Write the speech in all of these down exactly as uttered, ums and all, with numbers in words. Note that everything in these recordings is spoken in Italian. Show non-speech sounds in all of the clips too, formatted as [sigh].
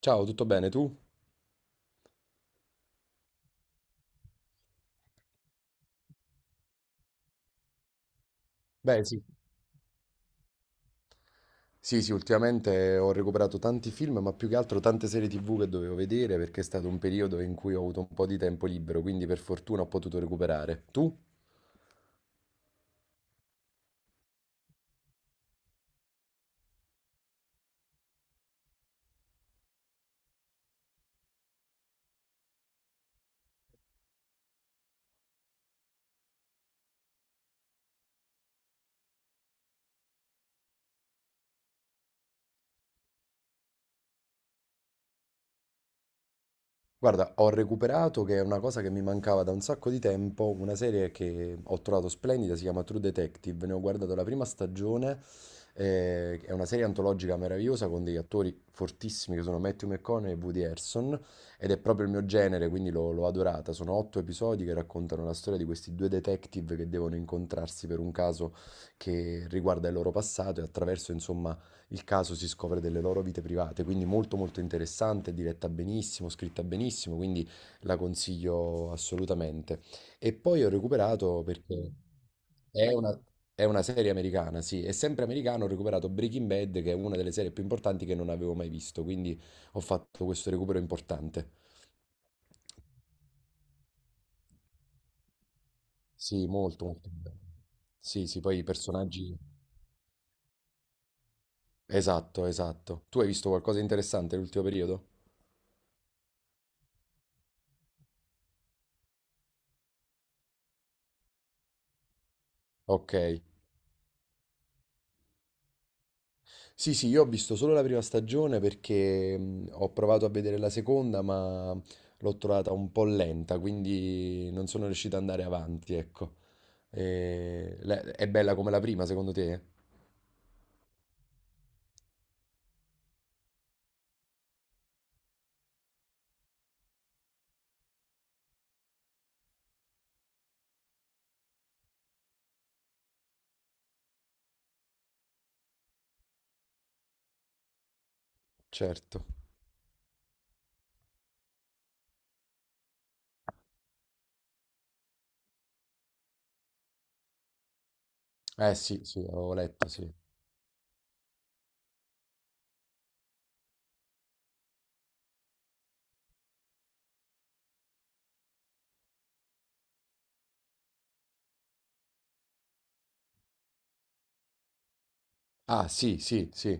Ciao, tutto bene tu? Beh, sì. Sì, sì, ultimamente ho recuperato tanti film, ma più che altro tante serie T V che dovevo vedere perché è stato un periodo in cui ho avuto un po' di tempo libero, quindi per fortuna ho potuto recuperare. Tu? Guarda, ho recuperato, che è una cosa che mi mancava da un sacco di tempo, una serie che ho trovato splendida, si chiama True Detective, ne ho guardato la prima stagione, eh, è una serie antologica meravigliosa con degli attori fortissimi che sono Matthew McConaughey e Woody Harrelson ed è proprio il mio genere, quindi l'ho l'ho adorata. Sono otto episodi che raccontano la storia di questi due detective che devono incontrarsi per un caso che riguarda il loro passato e attraverso, insomma, il caso si scopre delle loro vite private, quindi molto molto interessante, diretta benissimo, scritta benissimo, quindi la consiglio assolutamente. E poi ho recuperato perché è una, è una serie americana, sì, è sempre americana, ho recuperato Breaking Bad, che è una delle serie più importanti che non avevo mai visto, quindi ho fatto questo recupero importante. Sì, molto molto bello. Sì, sì, poi i personaggi... Esatto, esatto. Tu hai visto qualcosa di interessante nell'ultimo periodo? Ok. Sì, sì, io ho visto solo la prima stagione perché mh, ho provato a vedere la seconda, ma l'ho trovata un po' lenta, quindi non sono riuscito ad andare avanti, ecco. E le- È bella come la prima, secondo te? Certo. Eh sì, sì, avevo letto, sì. Ah, sì, sì, sì.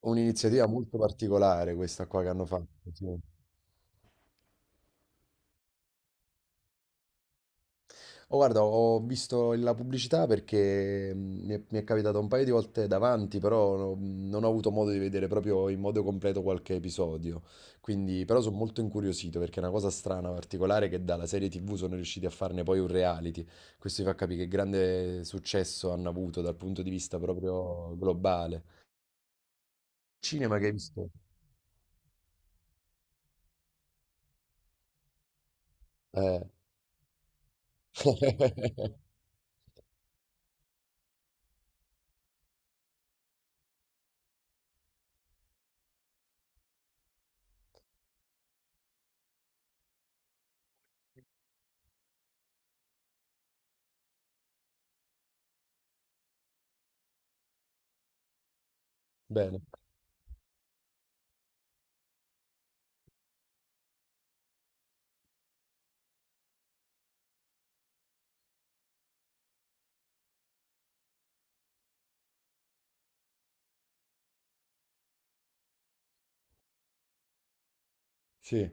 Un'iniziativa molto particolare questa qua che hanno fatto, sì. Oh, guarda, ho visto la pubblicità perché mm, mi è, mi è capitato un paio di volte davanti, però no- non ho avuto modo di vedere proprio in modo completo qualche episodio. Quindi, però sono molto incuriosito perché è una cosa strana, particolare, che dalla serie T V sono riusciti a farne poi un reality. Questo vi fa capire che grande successo hanno avuto dal punto di vista proprio globale. Cinema che hai visto? Eh. [laughs] Bene, sì,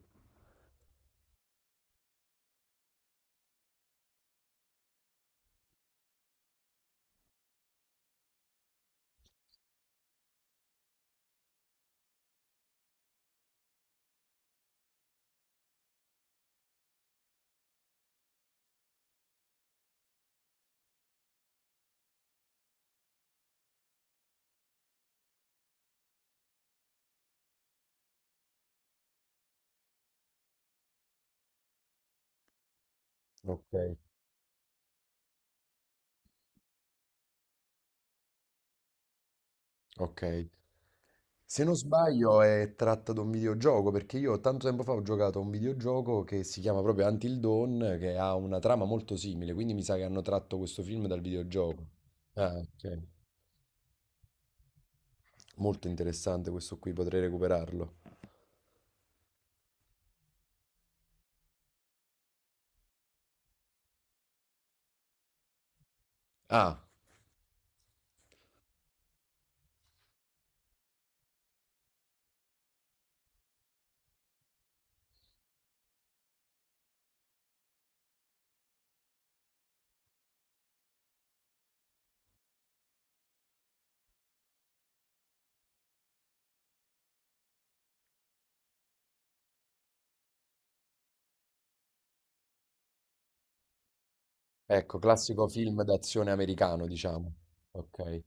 ok, ok. Se non sbaglio è tratta da un videogioco, perché io tanto tempo fa ho giocato a un videogioco che si chiama proprio Until Dawn, che ha una trama molto simile, quindi mi sa che hanno tratto questo film dal videogioco. Ah, ok. Molto interessante questo qui, potrei recuperarlo. Ah, ecco, classico film d'azione americano, diciamo. Ok.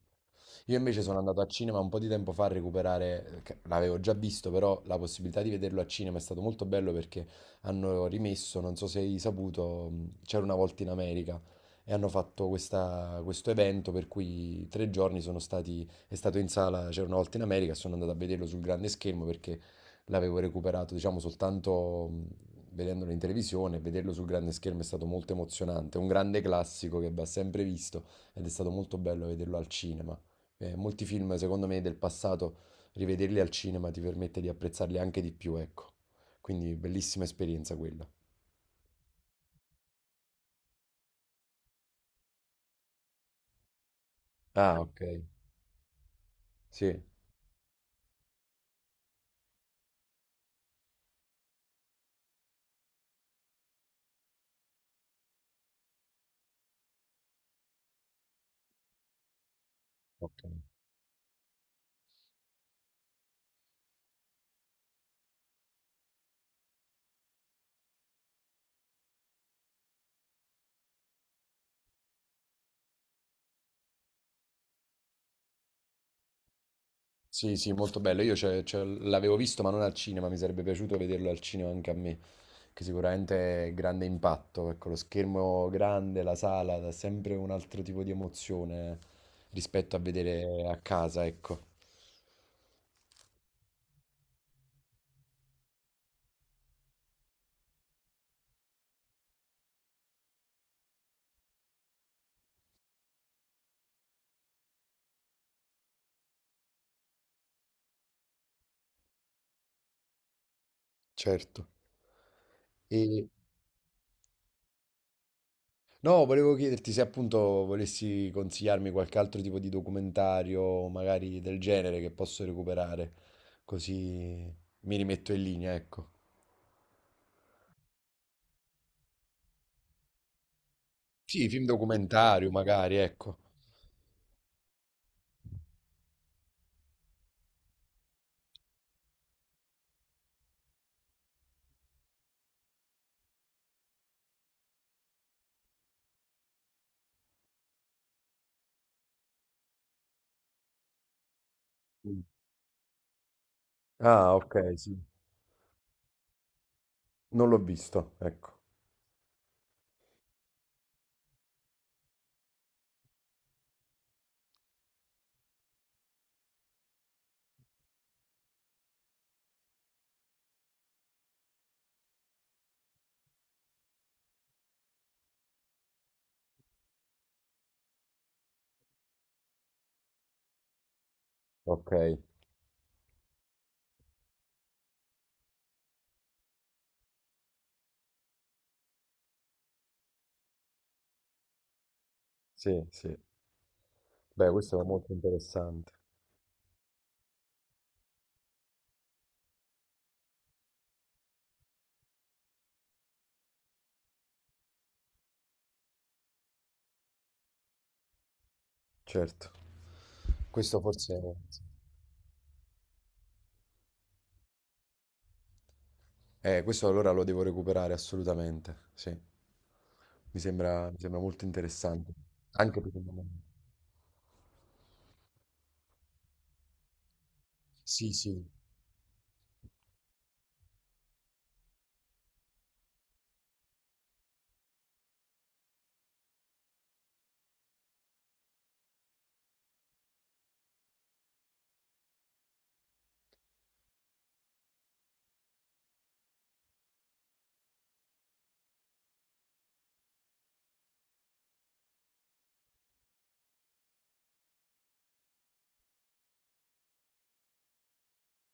Io invece sono andato a cinema un po' di tempo fa a recuperare, che l'avevo già visto, però la possibilità di vederlo a cinema è stato molto bello perché hanno rimesso, non so se hai saputo, mh, c'era una volta in America e hanno fatto questa- questo evento per cui tre giorni sono stati, è stato in sala, c'era una volta in America, e sono andato a vederlo sul grande schermo perché l'avevo recuperato, diciamo, soltanto mh, vedendolo in televisione, e vederlo sul grande schermo è stato molto emozionante, un grande classico che va sempre visto ed è stato molto bello vederlo al cinema. Eh, molti film, secondo me, del passato, rivederli al cinema ti permette di apprezzarli anche di più, ecco. Quindi bellissima esperienza quella. Ah, ok. Sì. Ok. Sì, sì, molto bello. Io c'è- c'è- l'avevo visto, ma non al cinema, mi sarebbe piaciuto vederlo al cinema anche a me, che sicuramente è grande impatto. Ecco, lo schermo grande, la sala, dà sempre un altro tipo di emozione rispetto a vedere a casa, ecco. Certo. E no, volevo chiederti se appunto volessi consigliarmi qualche altro tipo di documentario, magari del genere, che posso recuperare, così mi rimetto in linea, ecco. Sì, film documentario, magari, ecco. Mm. Ah, ok, sì. Non l'ho visto, ecco. Ok, sì, sì. Beh, questo è molto interessante, certo. Questo forse... Eh, questo allora lo devo recuperare assolutamente, sì. Mi sembra, mi sembra molto interessante. Anche per il momento. Sì, sì,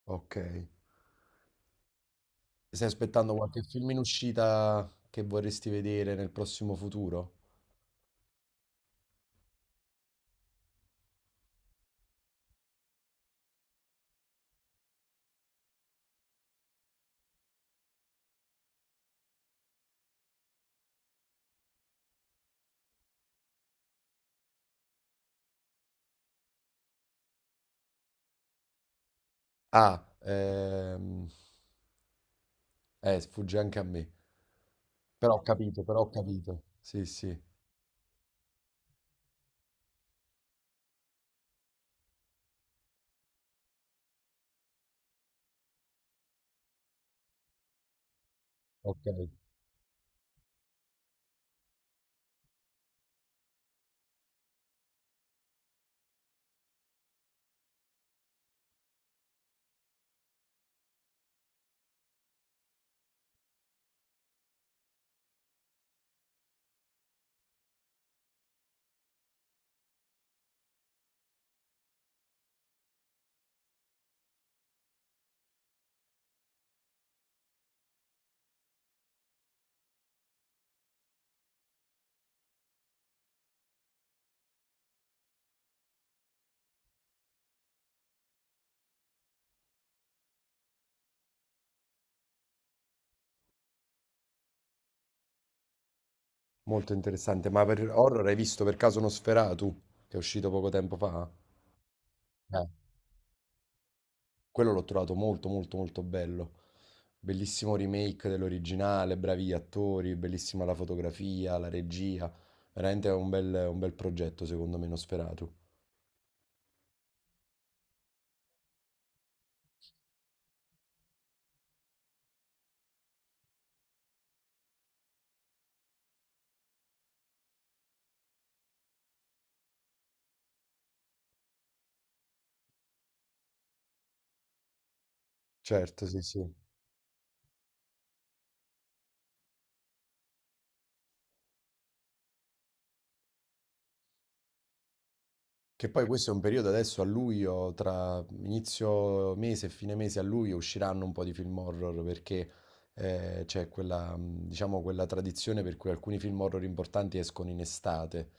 ok. Stai aspettando qualche film in uscita che vorresti vedere nel prossimo futuro? Ah, ehm, eh, sfugge anche a me. Però ho capito, però ho capito. Sì, sì, ok. Molto interessante. Ma per horror hai visto per caso Nosferatu, che è uscito poco tempo fa? Eh, quello l'ho trovato molto, molto, molto bello. Bellissimo remake dell'originale, bravi attori, bellissima la fotografia, la regia. Veramente è un bel, un bel progetto, secondo me, Nosferatu. Certo, sì, sì. Che poi questo è un periodo adesso a luglio, tra inizio mese e fine mese a luglio usciranno un po' di film horror perché eh, c'è quella, mh, diciamo, quella tradizione per cui alcuni film horror importanti escono in estate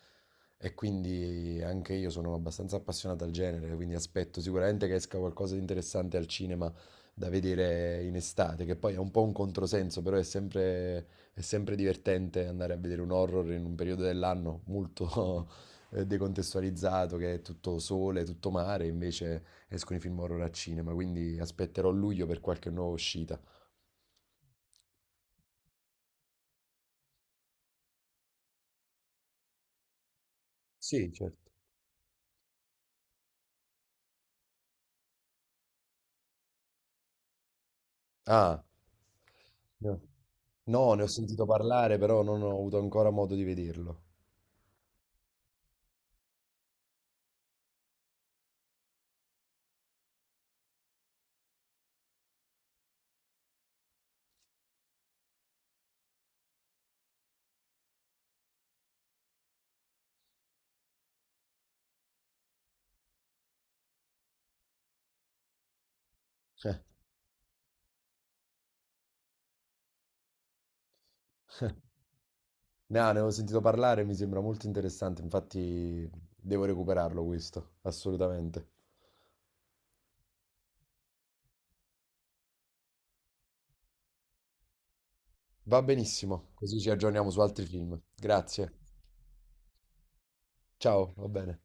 e quindi anche io sono abbastanza appassionato al genere, quindi aspetto sicuramente che esca qualcosa di interessante al cinema da vedere in estate, che poi è un po' un controsenso, però è sempre, è sempre divertente andare a vedere un horror in un periodo dell'anno molto... eh, decontestualizzato, che è tutto sole, tutto mare, invece escono i film horror al cinema, quindi aspetterò luglio per qualche nuova uscita. Sì, certo. Ah, no, no, ne ho sentito parlare, però non ho avuto ancora modo di vederlo. Eh, no, ne ho sentito parlare, mi sembra molto interessante, infatti devo recuperarlo questo, assolutamente. Va benissimo, così ci aggiorniamo su altri film. Grazie. Ciao, va bene.